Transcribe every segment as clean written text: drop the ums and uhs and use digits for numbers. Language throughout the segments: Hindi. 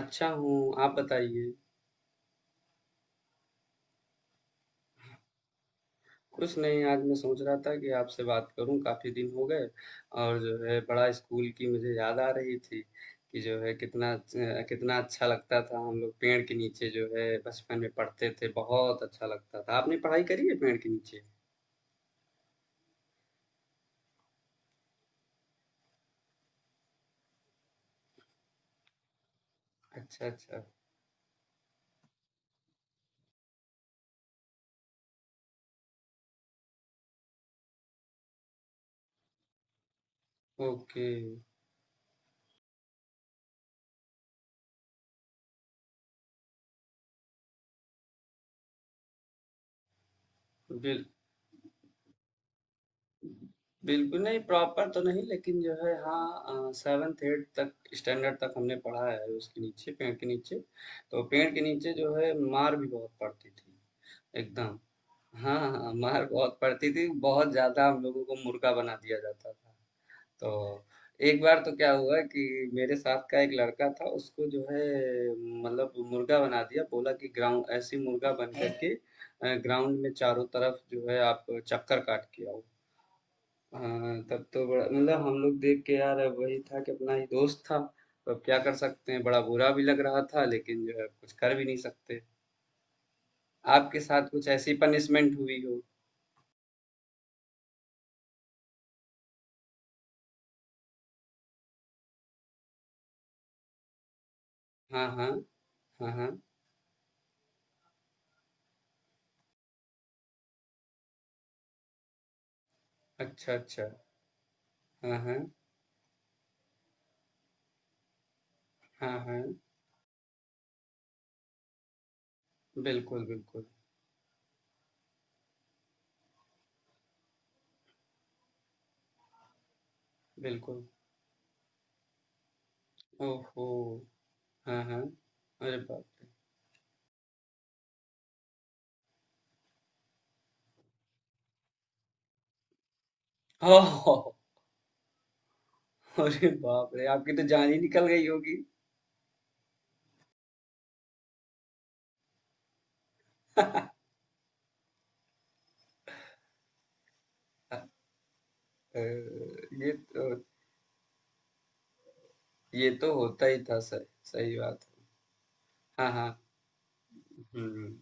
अच्छा हूँ, आप बताइए? कुछ नहीं, आज मैं सोच रहा था कि आपसे बात करूँ, काफ़ी दिन हो गए और जो है बड़ा स्कूल की मुझे याद आ रही थी कि जो है कितना अच्छा लगता था हम लोग पेड़ के नीचे जो है बचपन में पढ़ते थे, बहुत अच्छा लगता था। आपने पढ़ाई करी है पेड़ के नीचे? अच्छा, अच्छा। ओके। बिल बिल्कुल नहीं प्रॉपर तो नहीं, लेकिन जो है हाँ सेवेंथ एट तक स्टैंडर्ड तक हमने पढ़ा है उसके नीचे, पेड़ के नीचे। तो पेड़ के नीचे जो है मार भी बहुत पड़ती थी। एकदम। हाँ हाँ, मार बहुत पड़ती थी, बहुत ज्यादा हम लोगों को मुर्गा बना दिया जाता था। तो एक बार तो क्या हुआ कि मेरे साथ का एक लड़का था, उसको जो है मतलब मुर्गा बना दिया, बोला कि ग्राउंड ऐसी मुर्गा बन करके ग्राउंड में चारों तरफ जो है आप चक्कर काट के आओ। हाँ, तब तो बड़ा मतलब हम लोग देख के यार, अब वही था कि अपना ही दोस्त था, तो अब क्या कर सकते हैं, बड़ा बुरा भी लग रहा था लेकिन जो है कुछ कर भी नहीं सकते। आपके साथ कुछ ऐसी पनिशमेंट हुई हो? हाँ हाँ। हाँ हाँ। अच्छा, अच्छा। हाँ हाँ। हाँ हाँ। बिल्कुल, बिल्कुल, बिल्कुल। ओहो। हाँ हाँ। अरे बाप रे। ओह। अरे बाप रे, आपकी तो जान ही निकल गई होगी। अ, ये तो होता ही था सर, सही बात है। हाँ हाँ। हुँ।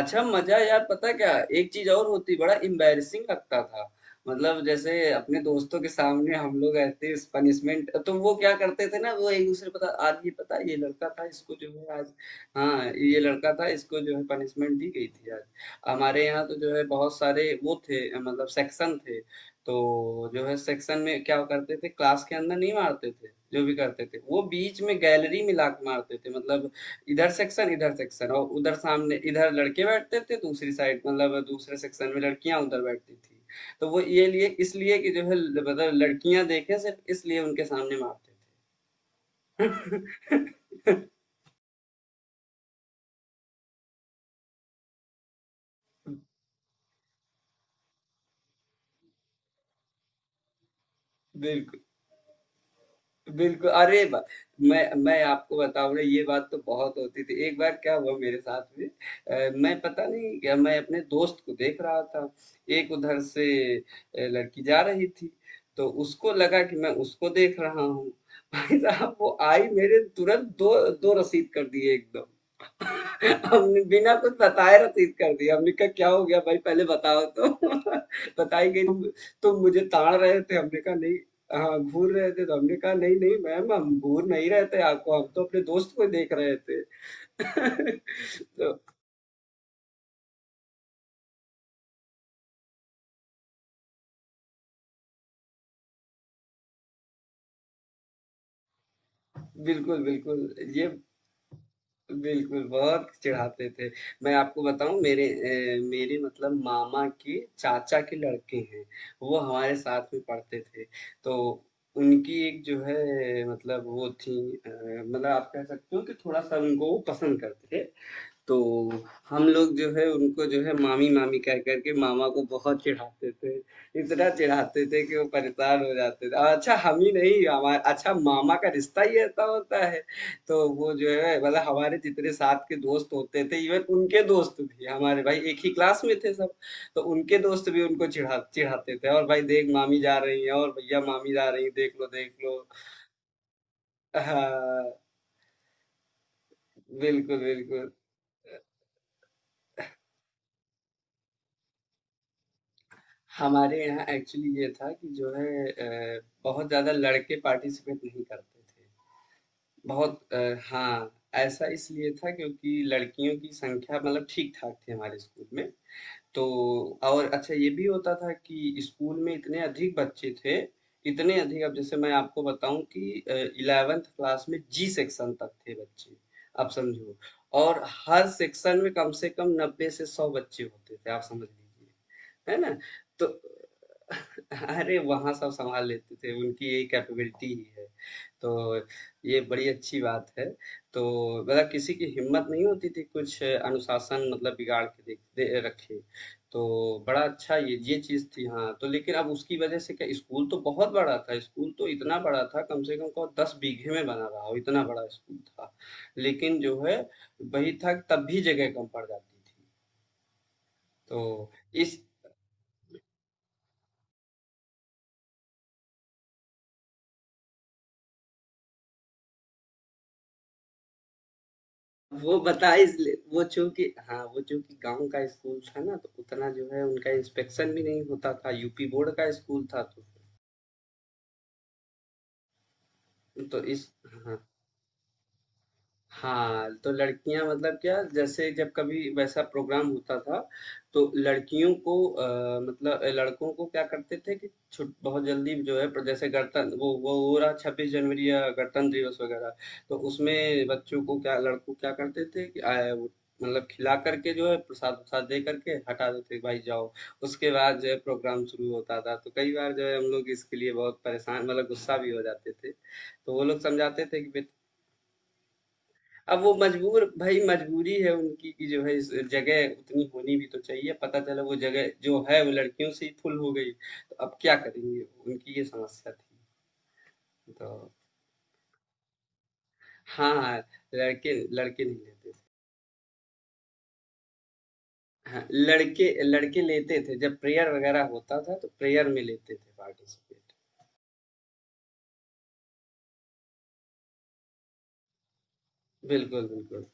अच्छा मज़ा यार, पता है क्या? एक चीज़ और होती, बड़ा एम्बैरेसिंग लगता था। मतलब जैसे अपने दोस्तों के सामने हम लोग ऐसे पनिशमेंट, तो वो क्या करते थे ना, वो एक-दूसरे पता आज ये पता है ये लड़का था इसको जो है आज। हाँ, ये लड़का था इसको जो है पनिशमेंट दी गई थी आज। हमारे यहाँ तो जो है बहुत सारे वो थे मतलब सेक्शन थे। तो जो है सेक्शन में क्या करते थे, क्लास के अंदर नहीं मारते थे, जो भी करते थे। वो बीच में गैलरी में लात मारते थे, मतलब इधर सेक्शन और उधर सामने, इधर लड़के बैठते थे दूसरी साइड, मतलब दूसरे सेक्शन में लड़कियां उधर बैठती थी। तो वो ये लिए इसलिए कि जो है मतलब लड़कियां देखें, सिर्फ इसलिए उनके सामने मारते थे। बिल्कुल, बिल्कुल, अरे ब मैं आपको बताऊँ ना, ये बात तो बहुत होती थी। एक बार क्या हुआ मेरे साथ में, मैं पता नहीं क्या, मैं अपने दोस्त को देख रहा था। एक उधर से अ, लड़की जा रही थी, तो उसको लगा कि मैं उसको देख रहा हूँ। भाई साहब वो आई मेरे तुरंत दो दो रसीद कर दिए एकदम। हमने बिना कुछ बताए रसीद कर दिया, हमने कहा क्या हो गया भाई, पहले बताओ तो। बताई गई तुम मुझे ताड़ रहे थे। हमने कहा नहीं। हाँ घूर रहे थे, तो हमने कहा नहीं नहीं मैम, हम घूर नहीं रहे थे आपको, हम तो अपने दोस्त को देख रहे थे। तो बिल्कुल बिल्कुल ये बिल्कुल, बहुत चिढ़ाते थे। मैं आपको बताऊँ, मेरे मतलब मामा के चाचा के लड़के हैं, वो हमारे साथ में पढ़ते थे। तो उनकी एक जो है मतलब वो थी, मतलब आप कह सकते हो कि थोड़ा-सा उनको वो पसंद करते थे। तो हम लोग जो है उनको जो है मामी मामी कह करके मामा को बहुत चिढ़ाते थे। इतना चिढ़ाते थे कि वो परेशान हो जाते थे। और अच्छा हम ही नहीं, हमारा अच्छा मामा का रिश्ता ही ऐसा होता है। तो वो जो है मतलब हमारे जितने साथ के दोस्त होते थे, इवन उनके दोस्त भी, हमारे भाई एक ही क्लास में थे सब। तो उनके दोस्त भी उनको चिढ़ा चिढ़ाते थे और भाई देख मामी जा रही है, और भैया मामी जा रही है देख लो देख लो। हाँ, बिल्कुल, बिल्कुल। हमारे यहाँ एक्चुअली ये था कि जो है बहुत ज़्यादा लड़के पार्टिसिपेट नहीं करते थे। बहुत हाँ ऐसा इसलिए था क्योंकि लड़कियों की संख्या मतलब ठीक ठाक थी हमारे स्कूल में। तो और अच्छा ये भी होता था कि स्कूल में इतने अधिक बच्चे थे, इतने अधिक, अब जैसे मैं आपको बताऊं कि इलेवेंथ क्लास में जी सेक्शन तक थे बच्चे, आप समझो। और हर सेक्शन में कम से कम 90 से 100 बच्चे होते थे, आप समझ लीजिए, है ना? तो अरे वहां सब संभाल लेते थे, उनकी ये कैपेबिलिटी ही है। तो ये बड़ी अच्छी बात है। तो मतलब किसी की हिम्मत नहीं होती थी कुछ अनुशासन मतलब बिगाड़ के देख दे, रखे। तो बड़ा अच्छा ये चीज़ थी हाँ, तो लेकिन अब उसकी वजह से क्या, स्कूल तो बहुत बड़ा था, स्कूल तो इतना बड़ा था, कम से कम कहो 10 बीघे में बना रहा हो, इतना बड़ा स्कूल था। लेकिन जो है वही था, तब भी जगह कम पड़ जाती थी। तो इस वो बता इसलिए वो चूंकि हाँ वो चूंकि गांव का स्कूल था ना, तो उतना जो है उनका इंस्पेक्शन भी नहीं होता था, यूपी बोर्ड का स्कूल था तो। तो इस हाँ। हाँ, तो लड़कियाँ मतलब क्या, जैसे जब कभी वैसा प्रोग्राम होता था, तो लड़कियों को लड़कों को क्या करते थे कि छुट बहुत जल्दी जो है, पर जैसे गणतंत्र वो हो रहा 26 जनवरी या गणतंत्र दिवस वगैरह, तो उसमें बच्चों को क्या लड़कों को क्या करते थे कि वो मतलब खिला करके जो है प्रसाद-वसाद दे करके हटा देते थे, भाई जाओ। उसके बाद जो है प्रोग्राम शुरू होता था, तो कई बार जो है हम लोग इसके लिए बहुत परेशान, मतलब गुस्सा भी हो जाते थे। तो वो लोग समझाते थे कि अब वो मजबूर, भाई मजबूरी है उनकी कि जो है इस जगह उतनी होनी भी तो चाहिए, पता चला वो जगह जो है वो लड़कियों से ही फुल हो गई, तो अब क्या करेंगे। उनकी ये समस्या थी। तो हाँ लड़के लड़के नहीं लेते थे, हाँ लड़के लड़के लेते थे जब प्रेयर वगैरह होता था, तो प्रेयर में लेते थे पार्टिसिपेट। बिल्कुल, बिल्कुल,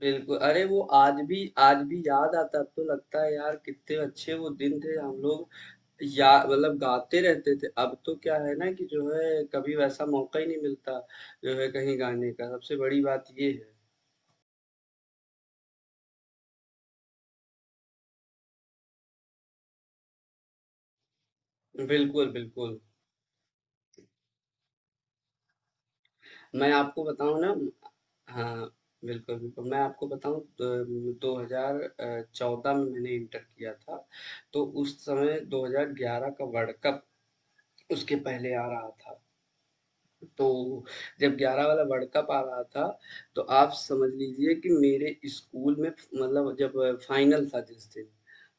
बिल्कुल, अरे वो आज भी याद आता है, अब तो लगता है यार कितने अच्छे वो दिन थे हम लोग या मतलब गाते रहते थे। अब तो क्या है ना, कि जो है कभी वैसा मौका ही नहीं मिलता जो है कहीं गाने का। सबसे बड़ी बात ये है बिल्कुल बिल्कुल, मैं आपको बताऊं ना, हाँ बिल्कुल बिल्कुल मैं आपको बताऊं 2014 में मैंने इंटर किया था। तो उस समय 2011 का वर्ल्ड कप उसके पहले आ रहा था। तो जब 11 वाला वर्ल्ड कप आ रहा था, तो आप समझ लीजिए कि मेरे स्कूल में मतलब जब फाइनल था जिस दिन,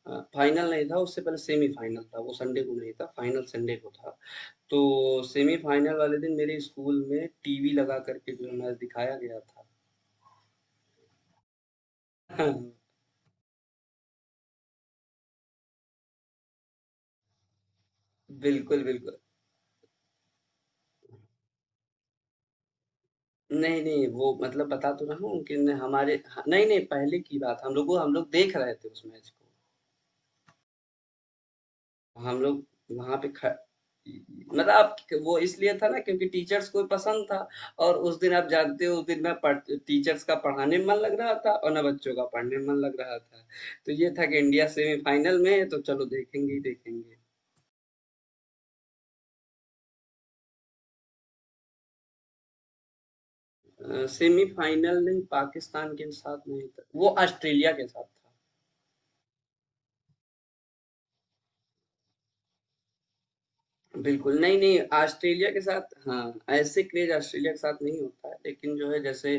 फाइनल नहीं था, उससे पहले सेमीफाइनल था, वो संडे को नहीं था, फाइनल संडे को था। तो सेमीफाइनल वाले दिन मेरे स्कूल में टीवी लगा करके जो है मैच दिखाया गया था। हाँ, बिल्कुल, बिल्कुल। नहीं, नहीं, वो मतलब बता तो रहा हूँ कि न हमारे ह नहीं, नहीं, पहले की बात, हम लोग देख रहे थे उस मैच को। हम लोग वहाँ पे ख मतलब आप वो इसलिए था ना क्योंकि टीचर्स को पसंद था, और उस दिन आप जानते हो उस दिन मैं पढ़ टीचर्स का पढ़ाने में मन लग रहा था और ना बच्चों का पढ़ने में मन लग रहा था। तो ये था कि इंडिया सेमीफाइनल में है तो चलो देखेंगे ही देखेंगे। सेमीफाइनल नहीं, पाकिस्तान के साथ नहीं था, वो ऑस्ट्रेलिया के साथ था। बिल्कुल, नहीं-नहीं ऑस्ट्रेलिया के साथ हाँ, ऐसे क्रेज़ ऑस्ट्रेलिया के साथ नहीं होता है, लेकिन जो है जैसे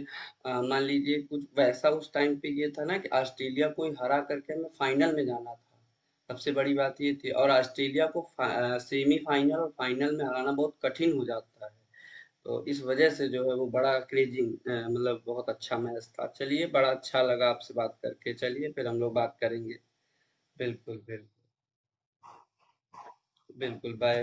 मान लीजिए, कुछ वैसा उस टाइम पे ये था ना कि ऑस्ट्रेलिया को ही हरा करके हमें फाइनल में जाना था। सबसे बड़ी बात ये थी, और ऑस्ट्रेलिया को सेमीफाइनल और फाइनल में हराना बहुत कठिन हो जाता है। तो इस वजह से जो है वो बड़ा क्रेज़िंग मतलब बहुत अच्छा मैच था। चलिए, बड़ा अच्छा लगा आपसे बात करके, चलिए फिर हम लोग बात करेंगे। बिल्कुल, बिल्कुल। बिल्कुल, बाय।